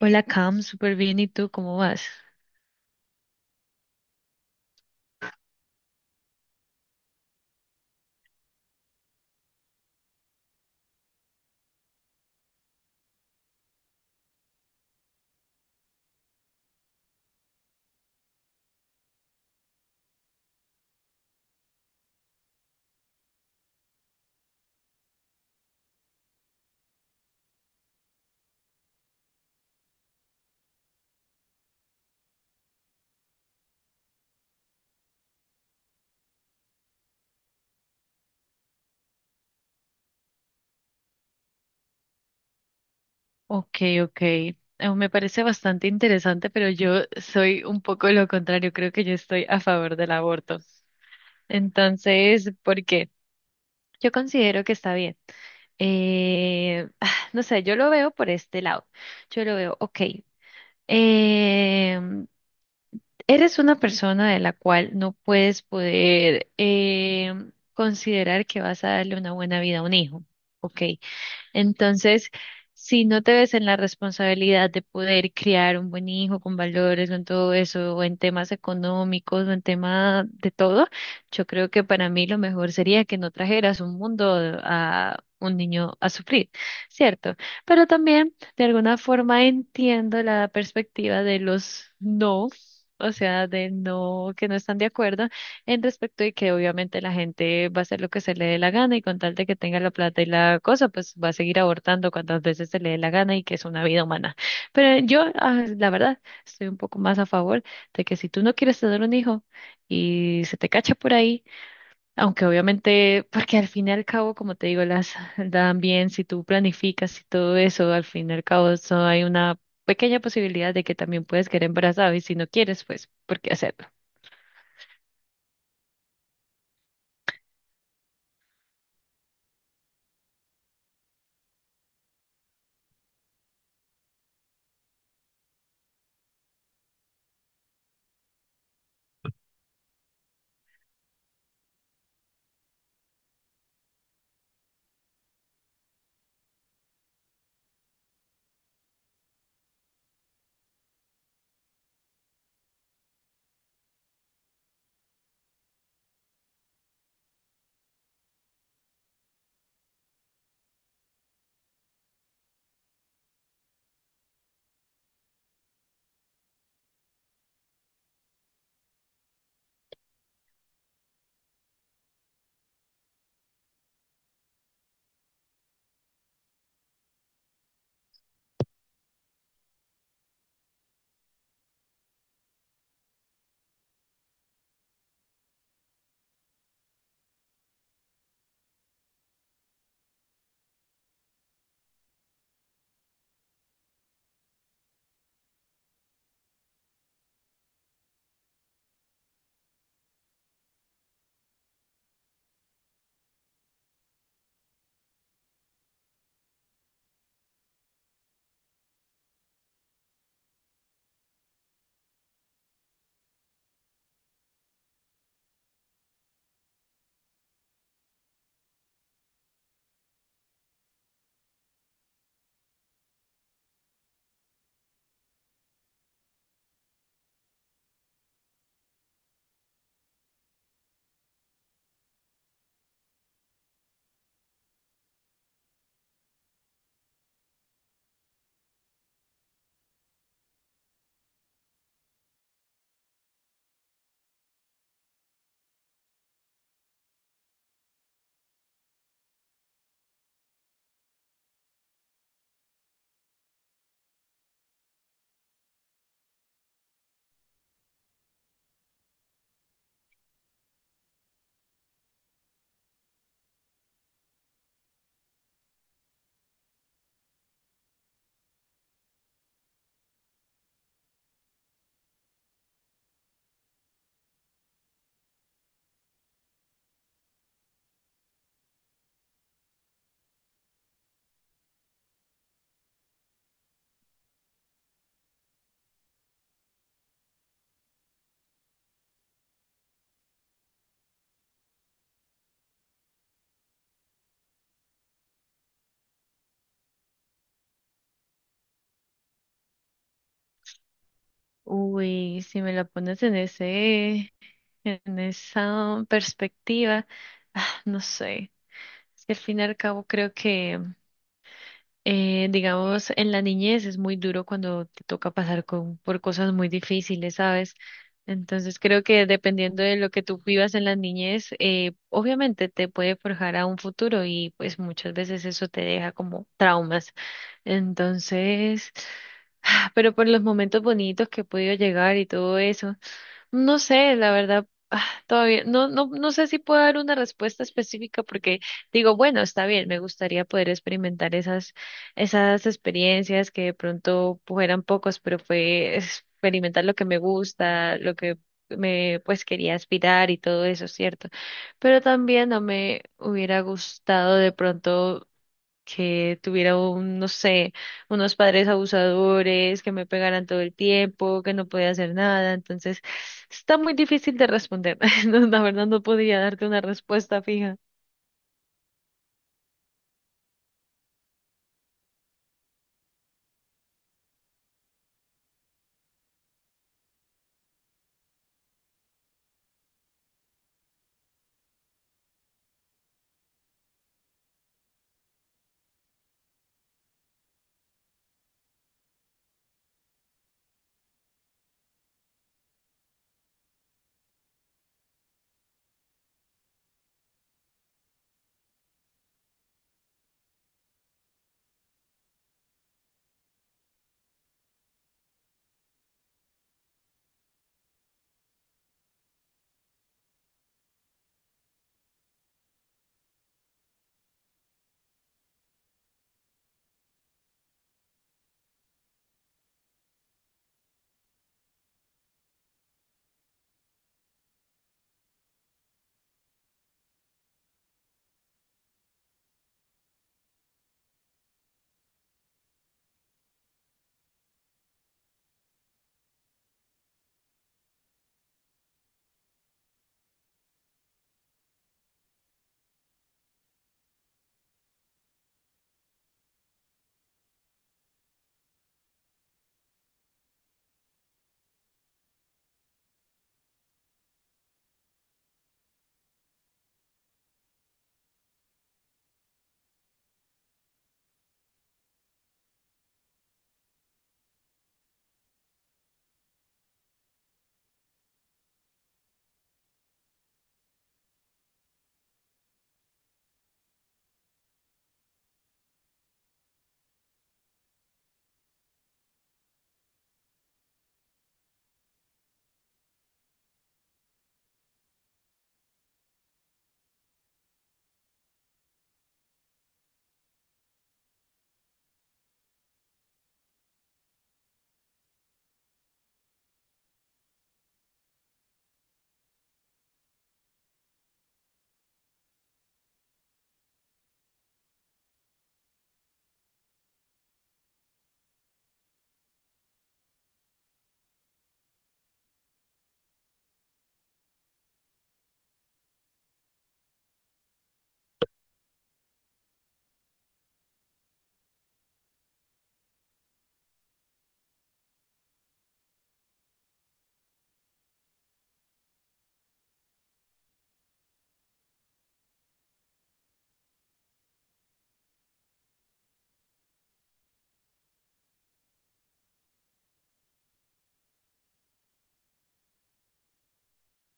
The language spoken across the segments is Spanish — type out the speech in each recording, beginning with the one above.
Hola Cam, súper bien. ¿Y tú cómo vas? Ok, ok. Me parece bastante interesante, pero yo soy un poco lo contrario. Creo que yo estoy a favor del aborto. Entonces, ¿por qué? Yo considero que está bien. No sé, yo lo veo por este lado. Yo lo veo, ok. em, Eres una persona de la cual no puedes poder considerar que vas a darle una buena vida a un hijo. Ok. Entonces, si no te ves en la responsabilidad de poder criar un buen hijo con valores, con todo eso, o en temas económicos, o en tema de todo, yo creo que para mí lo mejor sería que no trajeras un mundo a un niño a sufrir, ¿cierto? Pero también, de alguna forma, entiendo la perspectiva de los no. O sea, de no, que no están de acuerdo, en respecto de que obviamente la gente va a hacer lo que se le dé la gana y con tal de que tenga la plata y la cosa, pues va a seguir abortando cuantas veces se le dé la gana y que es una vida humana. Pero yo, la verdad, estoy un poco más a favor de que si tú no quieres tener un hijo y se te cacha por ahí, aunque obviamente, porque al fin y al cabo, como te digo, las dan bien, si tú planificas y todo eso, al fin y al cabo, eso hay una pequeña posibilidad de que también puedes quedar embarazado y si no quieres, pues, ¿por qué hacerlo? Uy, si me la pones en esa perspectiva, no sé. Es que al fin y al cabo creo que, digamos, en la niñez es muy duro cuando te toca pasar por cosas muy difíciles, ¿sabes? Entonces creo que dependiendo de lo que tú vivas en la niñez, obviamente te puede forjar a un futuro y pues muchas veces eso te deja como traumas. Entonces, pero por los momentos bonitos que he podido llegar y todo eso. No sé, la verdad, todavía no sé si puedo dar una respuesta específica porque digo, bueno, está bien, me gustaría poder experimentar esas experiencias que de pronto fueran pocos, pero fue experimentar lo que me gusta, lo que me pues quería aspirar y todo eso, ¿cierto? Pero también no me hubiera gustado de pronto que tuviera un, no sé, unos padres abusadores, que me pegaran todo el tiempo, que no podía hacer nada. Entonces, está muy difícil de responder. No, la verdad no podría darte una respuesta fija.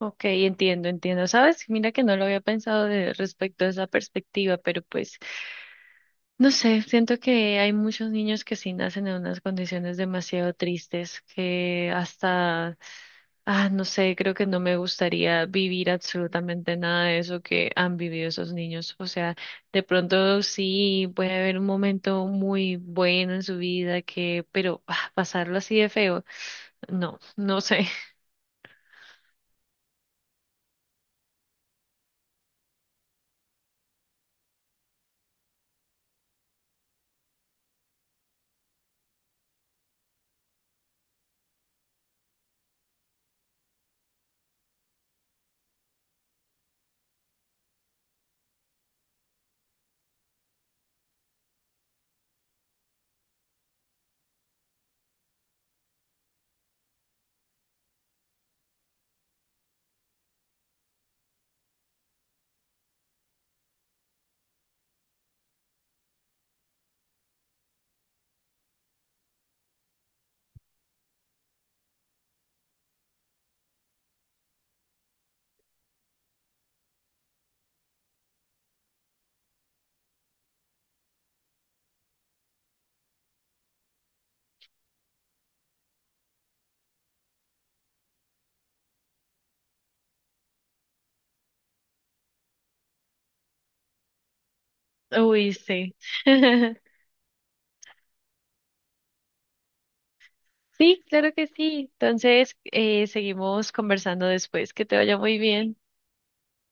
Ok, entiendo, entiendo. ¿Sabes? Mira que no lo había pensado de, respecto a esa perspectiva, pero pues no sé, siento que hay muchos niños que sí nacen en unas condiciones demasiado tristes, que hasta, no sé, creo que no me gustaría vivir absolutamente nada de eso que han vivido esos niños. O sea, de pronto sí puede haber un momento muy bueno en su vida que, pero pasarlo así de feo, no, no sé. Uy, sí. Sí, claro que sí. Entonces, seguimos conversando después. Que te vaya muy bien.